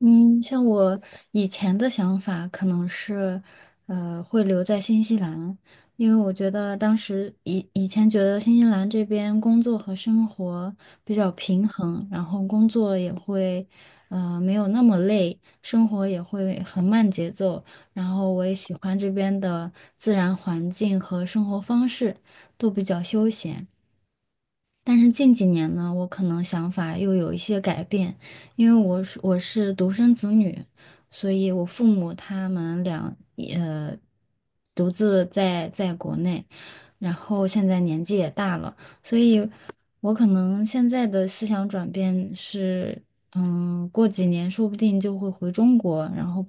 嗯，像我以前的想法可能是，会留在新西兰，因为我觉得当时以前觉得新西兰这边工作和生活比较平衡，然后工作也会，没有那么累，生活也会很慢节奏，然后我也喜欢这边的自然环境和生活方式，都比较休闲。但是近几年呢，我可能想法又有一些改变，因为我是独生子女，所以我父母他们俩呃独自在国内，然后现在年纪也大了，所以我可能现在的思想转变是，嗯，过几年说不定就会回中国，然后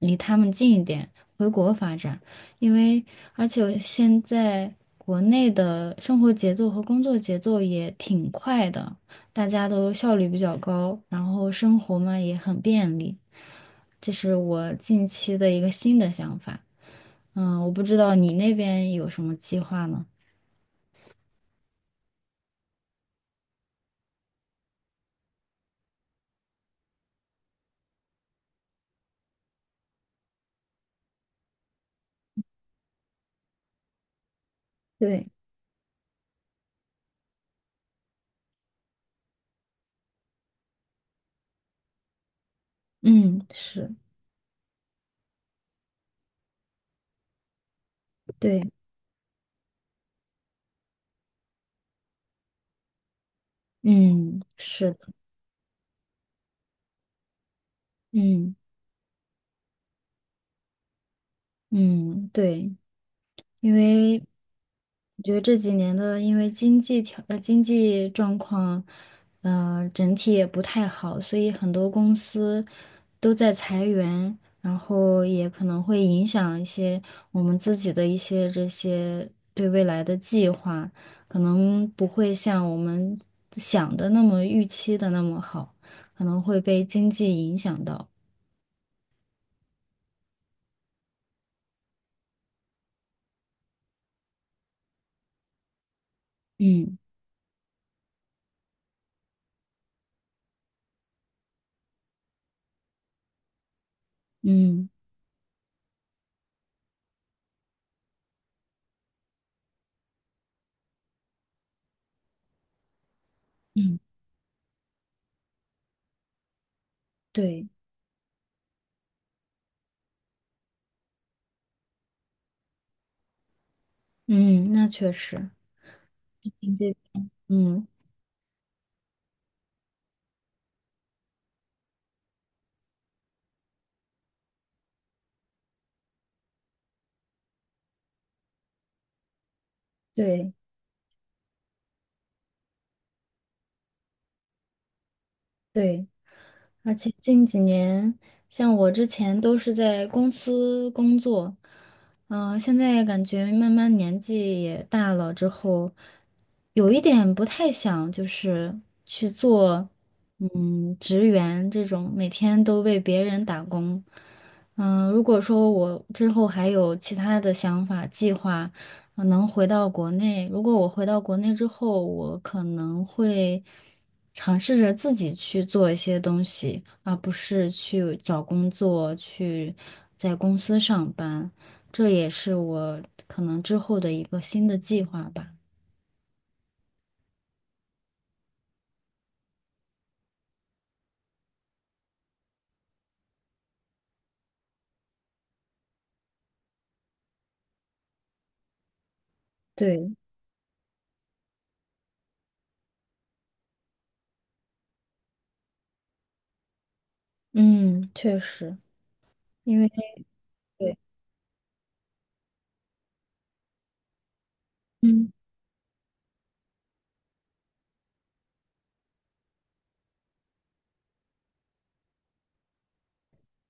离他们近一点，回国发展。因为而且我现在国内的生活节奏和工作节奏也挺快的，大家都效率比较高，然后生活嘛也很便利，这是我近期的一个新的想法。嗯，我不知道你那边有什么计划呢？对。嗯，是。对。嗯，是的。嗯嗯。对。因为我觉得这几年的，因为经济状况，呃整体也不太好，所以很多公司都在裁员，然后也可能会影响一些我们自己的一些这些对未来的计划，可能不会像我们想的那么预期的那么好，可能会被经济影响到。嗯。嗯。嗯，对。嗯，那确实。经济。嗯。对对，而且近几年，像我之前都是在公司工作，嗯、现在感觉慢慢年纪也大了之后，有一点不太想就是去做，嗯，职员这种每天都为别人打工。嗯、如果说我之后还有其他的想法计划，可能回到国内，如果我回到国内之后，我可能会尝试着自己去做一些东西，而不是去找工作，去在公司上班。这也是我可能之后的一个新的计划吧。对。嗯，确实，因为对。嗯。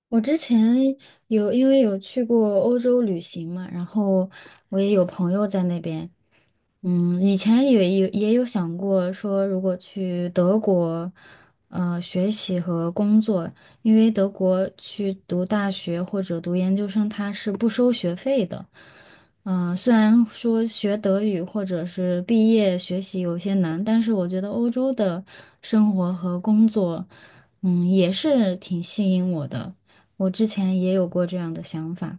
我之前有因为有去过欧洲旅行嘛，然后我也有朋友在那边。嗯，以前也有想过说，如果去德国，呃，学习和工作，因为德国去读大学或者读研究生，他是不收学费的。嗯、虽然说学德语或者是毕业学习有些难，但是我觉得欧洲的生活和工作，嗯，也是挺吸引我的。我之前也有过这样的想法。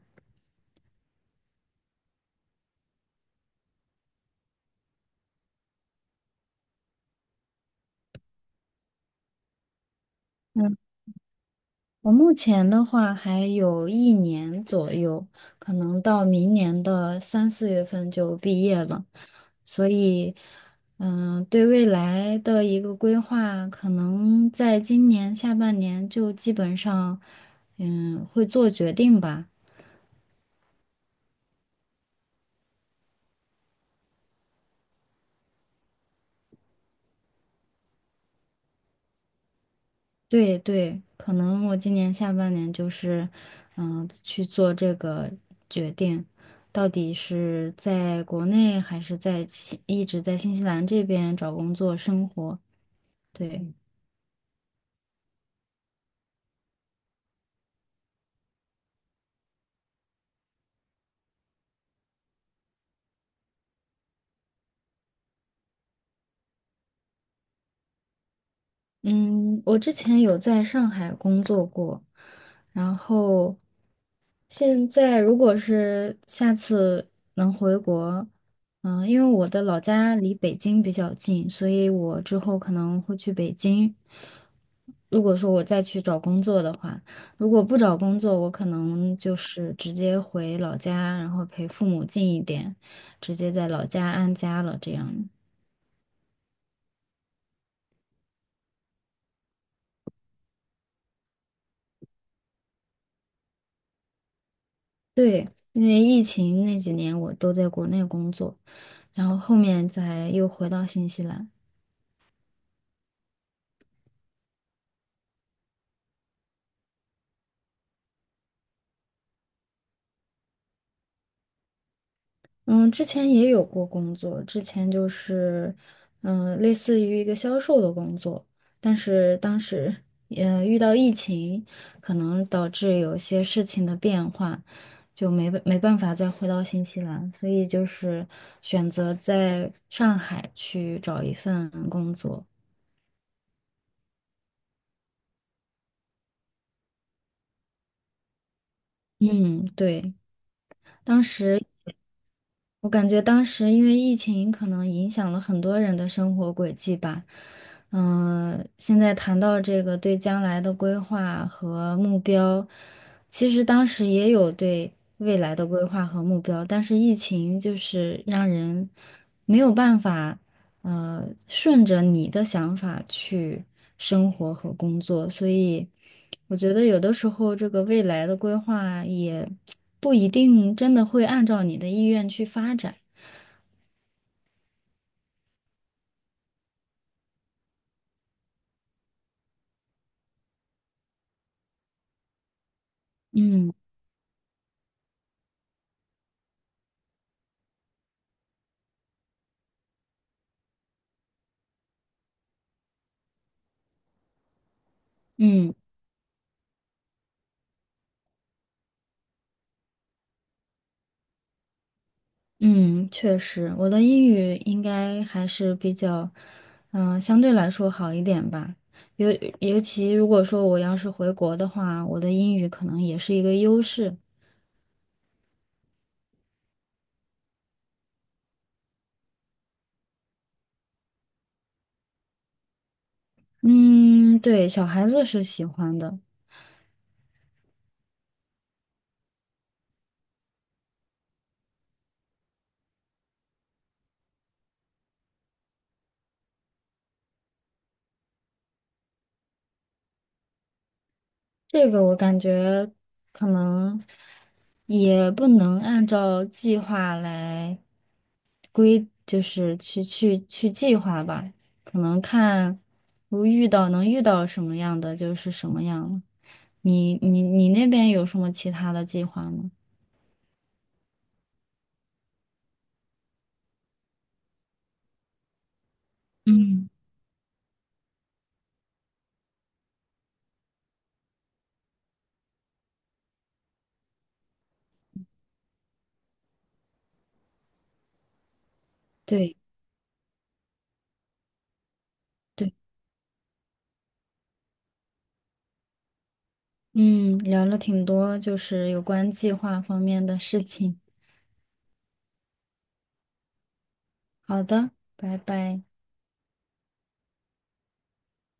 我目前的话还有一年左右，可能到明年的三四月份就毕业了，所以，嗯、对未来的一个规划，可能在今年下半年就基本上，嗯，会做决定吧。对对，可能我今年下半年就是，嗯、去做这个决定，到底是在国内还是在新一直在新西兰这边找工作生活。对。嗯，我之前有在上海工作过，然后现在如果是下次能回国，嗯、因为我的老家离北京比较近，所以我之后可能会去北京。如果说我再去找工作的话，如果不找工作，我可能就是直接回老家，然后陪父母近一点，直接在老家安家了。这样。对，因为疫情那几年我都在国内工作，然后后面才又回到新西兰。嗯，之前也有过工作，之前就是，嗯，类似于一个销售的工作，但是当时，呃，遇到疫情，可能导致有些事情的变化，就没办法再回到新西兰，所以就是选择在上海去找一份工作。嗯，对。当时我感觉当时因为疫情，可能影响了很多人的生活轨迹吧。嗯、现在谈到这个对将来的规划和目标，其实当时也有对未来的规划和目标，但是疫情就是让人没有办法。呃，顺着你的想法去生活和工作，所以我觉得有的时候这个未来的规划也不一定真的会按照你的意愿去发展。嗯。嗯。嗯，确实，我的英语应该还是比较，嗯、相对来说好一点吧。尤尤其如果说我要是回国的话，我的英语可能也是一个优势。嗯，对，小孩子是喜欢的。这个我感觉可能也不能按照计划来规，就是去计划吧，可能看如遇到能遇到什么样的就是什么样了。你那边有什么其他的计划吗？嗯对对。嗯，聊了挺多，就是有关计划方面的事情。好的，拜拜。